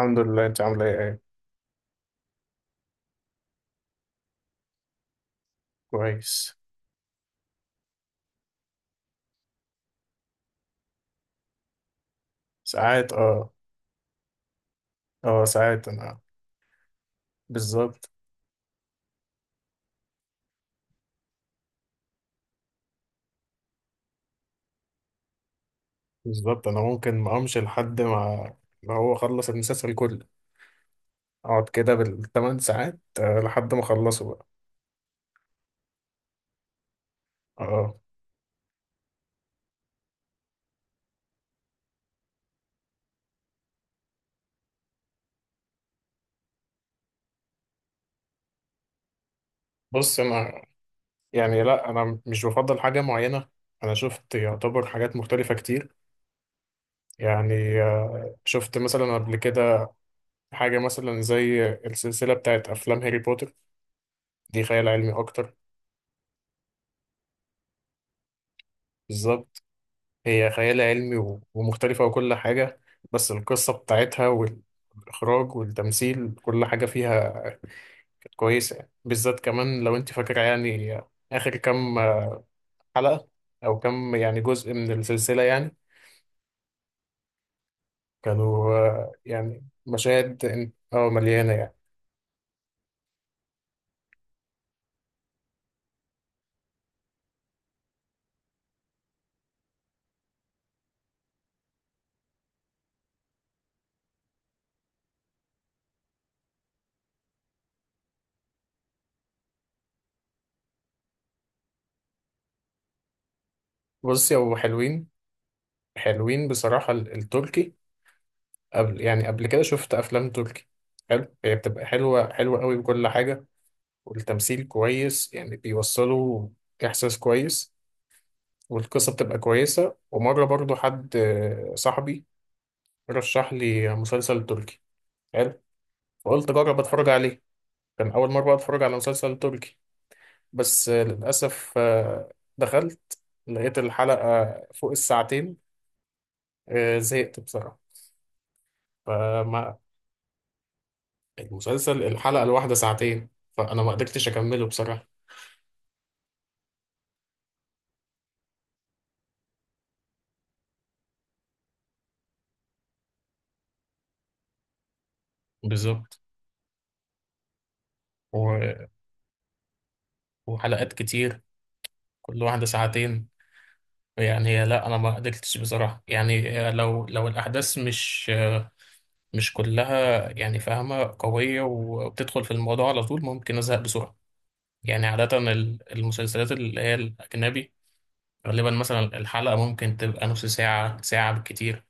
الحمد لله، انت عامله ايه؟ كويس. ساعات اه. اه ساعات انا. بالظبط. بالظبط، انا ممكن ما امشي لحد ما، هو خلص المسلسل كله. اقعد كده بالثمان ساعات لحد ما اخلصه بقى. اه. بص انا، يعني لا انا مش بفضل حاجه معينه. انا شفت يعتبر حاجات مختلفه كتير. يعني شفت مثلا قبل كده حاجه مثلا زي السلسله بتاعت افلام هاري بوتر. دي خيال علمي اكتر. بالظبط. هي خيال علمي و- ومختلفة وكل حاجة. بس القصة بتاعتها والإخراج والتمثيل كل حاجة فيها كانت كويسة يعني. بالذات كمان لو أنت فاكرة يعني آخر كام حلقة أو كام يعني جزء من السلسلة يعني كانوا يعني مشاهد مليانة يعني. بصي هو حلوين. حلوين بصراحة التركي. قبل يعني قبل كده شفت أفلام تركي حلو. هي بتبقى حلوة حلوة قوي بكل حاجة. والتمثيل كويس يعني، بيوصلوا إحساس كويس. والقصة بتبقى كويسة. ومرة برضو حد، صاحبي، رشح لي مسلسل تركي حلو. فقلت أجرب أتفرج عليه. كان أول مرة أتفرج على مسلسل تركي. بس للأسف، دخلت لقيت الحلقة فوق الساعتين. زهقت بصراحة. فما، المسلسل الحلقة الواحدة ساعتين. فأنا ما قدرتش أكمله بصراحة. بالظبط. و- وحلقات كتير كل واحدة ساعتين. يعني لا أنا ما قدرتش بصراحة يعني. لو الأحداث مش، مش كلها يعني فاهمة قوية وبتدخل في الموضوع على طول، ممكن أزهق بسرعة. يعني عادة المسلسلات اللي هي الأجنبي، غالبا مثلا الحلقة ممكن تبقى نص ساعة ساعة بالكتير.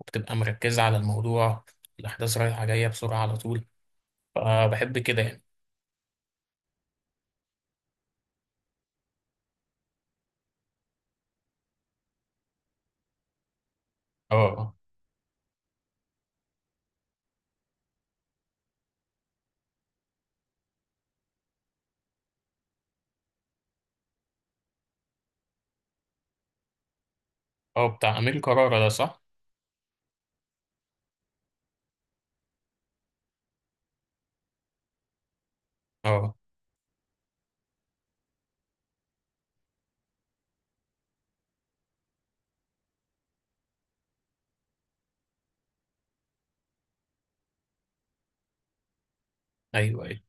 وبتبقى مركزة على الموضوع، الأحداث رايحة جاية بسرعة على طول، فبحب كده يعني. اه. اه، بتاع أمير كرارة ده، صح؟ اه. أيوه أيوه.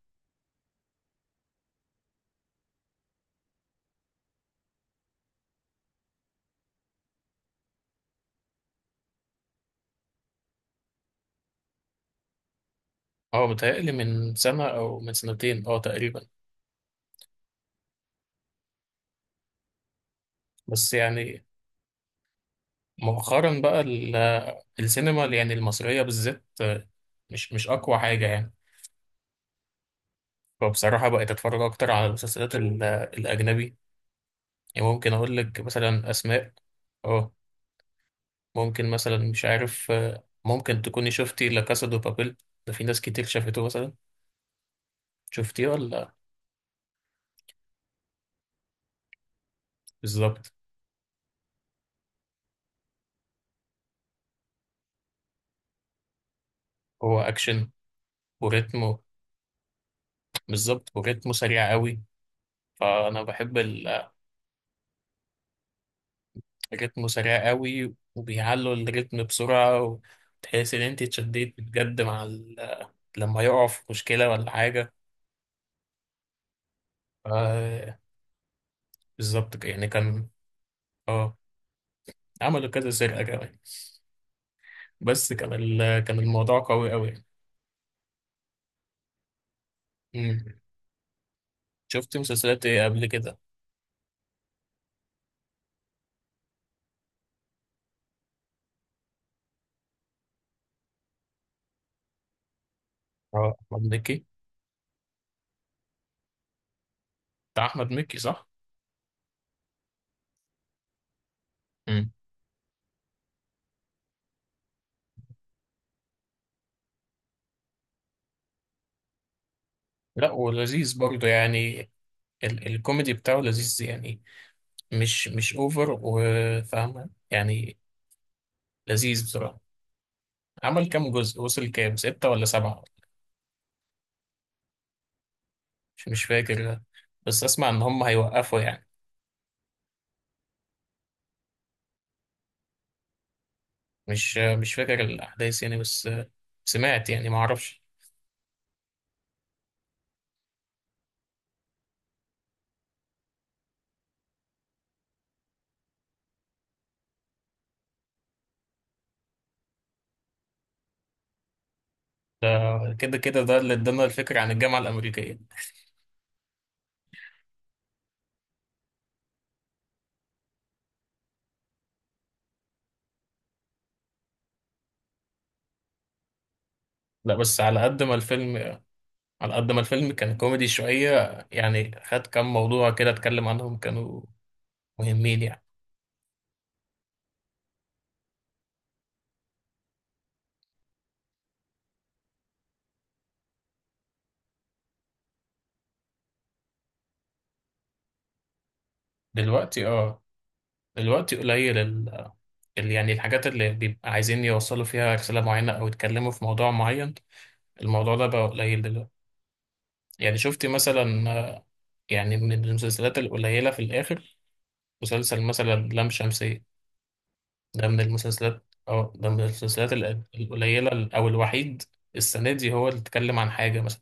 اه، بيتهيألي من سنة أو من سنتين اه تقريبا. بس يعني مؤخرا بقى السينما يعني المصرية بالذات مش، مش أقوى حاجة يعني. فبصراحة بقيت أتفرج أكتر على المسلسلات الأجنبي. يعني ممكن أقول لك مثلا أسماء. أه. ممكن مثلا مش عارف، ممكن تكوني شفتي لا كاسا دو بابيل. ده في ناس كتير شافته مثلا. شفتيه ولا؟ بالظبط. هو أكشن وريتمه، بالظبط وريتمه سريع قوي. فأنا بحب رتمه سريع قوي وبيعلوا الريتم بسرعة. وتحس إن أنت اتشديت بجد مع ال... لما يقع في مشكلة ولا حاجة. آه. بالظبط كده. يعني كان، اه، عملوا كذا سرقة كمان. بس كان ال... كان الموضوع قوي قوي يعني. مم. شفت مسلسلات إيه قبل كده؟ اه، أحمد مكي، بتاع أحمد مكي صح؟ مم. لا ولذيذ برضه يعني. ال... الكوميدي بتاعه لذيذ يعني. مش، مش أوفر وفاهمة يعني. لذيذ بصراحة. عمل كام جزء؟ وصل كام؟ ستة ولا سبعة؟ مش فاكر. بس أسمع إن هم هيوقفوا يعني. مش فاكر الأحداث يعني. بس سمعت يعني، ما أعرفش. كده كده ده اللي ادانا الفكرة عن الجامعة الأمريكية. لا بس على قد ما الفيلم، على قد ما الفيلم كان كوميدي شوية يعني، خد كام موضوع كده اتكلم عنهم كانوا مهمين يعني. دلوقتي اه، دلوقتي قليل ال، يعني الحاجات اللي بيبقى عايزين يوصلوا فيها رسالة معينة أو يتكلموا في موضوع معين، الموضوع ده بقى قليل دلوقتي. يعني شفتي مثلا، يعني من المسلسلات القليلة في الآخر، مسلسل مثلا لام شمسية. ده من المسلسلات، أو ده من المسلسلات القليلة ال- أو الوحيد السنة دي هو اللي اتكلم عن حاجة مثلا.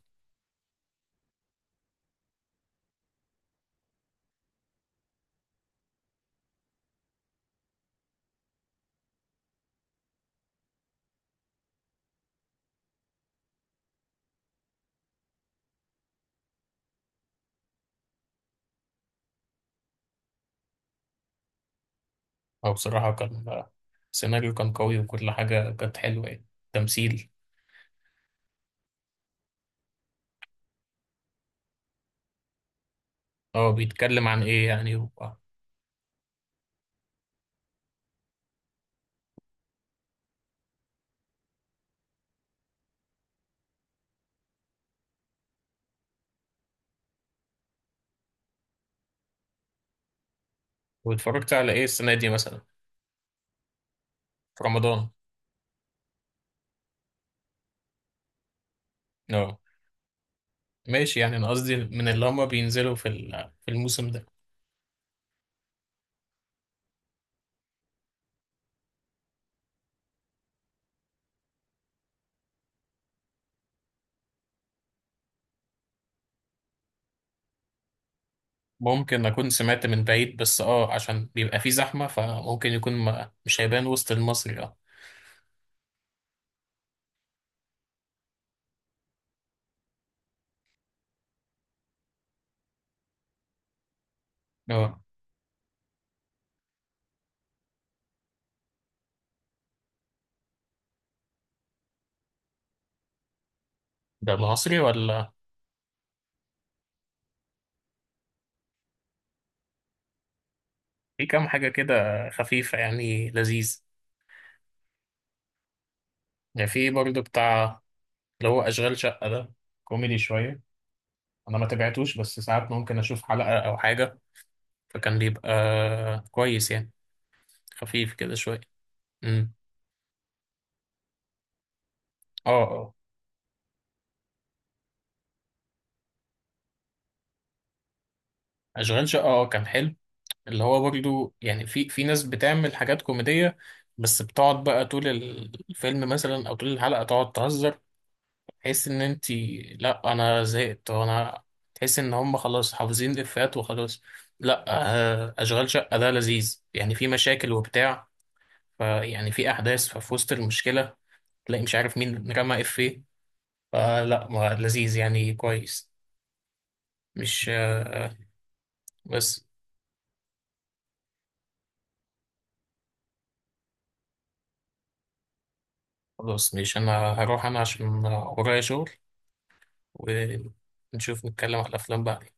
أو بصراحة كان، السيناريو كان قوي وكل حاجة كانت حلوة يعني، تمثيل. هو بيتكلم عن إيه يعني و-؟ واتفرجت على إيه السنة دي مثلا في رمضان؟ أه ماشي، يعني أنا قصدي من اللي هما بينزلوا في ال- في الموسم ده. ممكن أكون سمعت من بعيد بس اه، عشان بيبقى فيه زحمة فممكن يكون ما مش هيبان وسط المصري. اه. اه. ده العصري ولا؟ في كام حاجة كده خفيفة يعني لذيذ. يعني في برضو بتاع، اللي هو أشغال شقة ده، كوميدي شوية. أنا ما تابعتوش، بس ساعات ممكن أشوف حلقة أو حاجة. فكان بيبقى كويس يعني، خفيف كده شوية. امم. اه اه. أشغال شقة اه كان حلو. اللي هو برضو يعني، في في ناس بتعمل حاجات كوميدية بس بتقعد بقى طول الفيلم مثلا او طول الحلقة تقعد تهزر. تحس ان انت، لا انا زهقت وانا، تحس ان هم خلاص حافظين افيهات وخلاص. لا اشغال شقة ده لذيذ يعني، في مشاكل وبتاع، فيعني في احداث، ففي وسط المشكلة تلاقي مش عارف مين رمى افيه. فلا، ما لذيذ يعني، كويس، مش بس. خلاص، مش انا هروح انا عشان ورايا شغل، ونشوف نتكلم على الأفلام بعدين.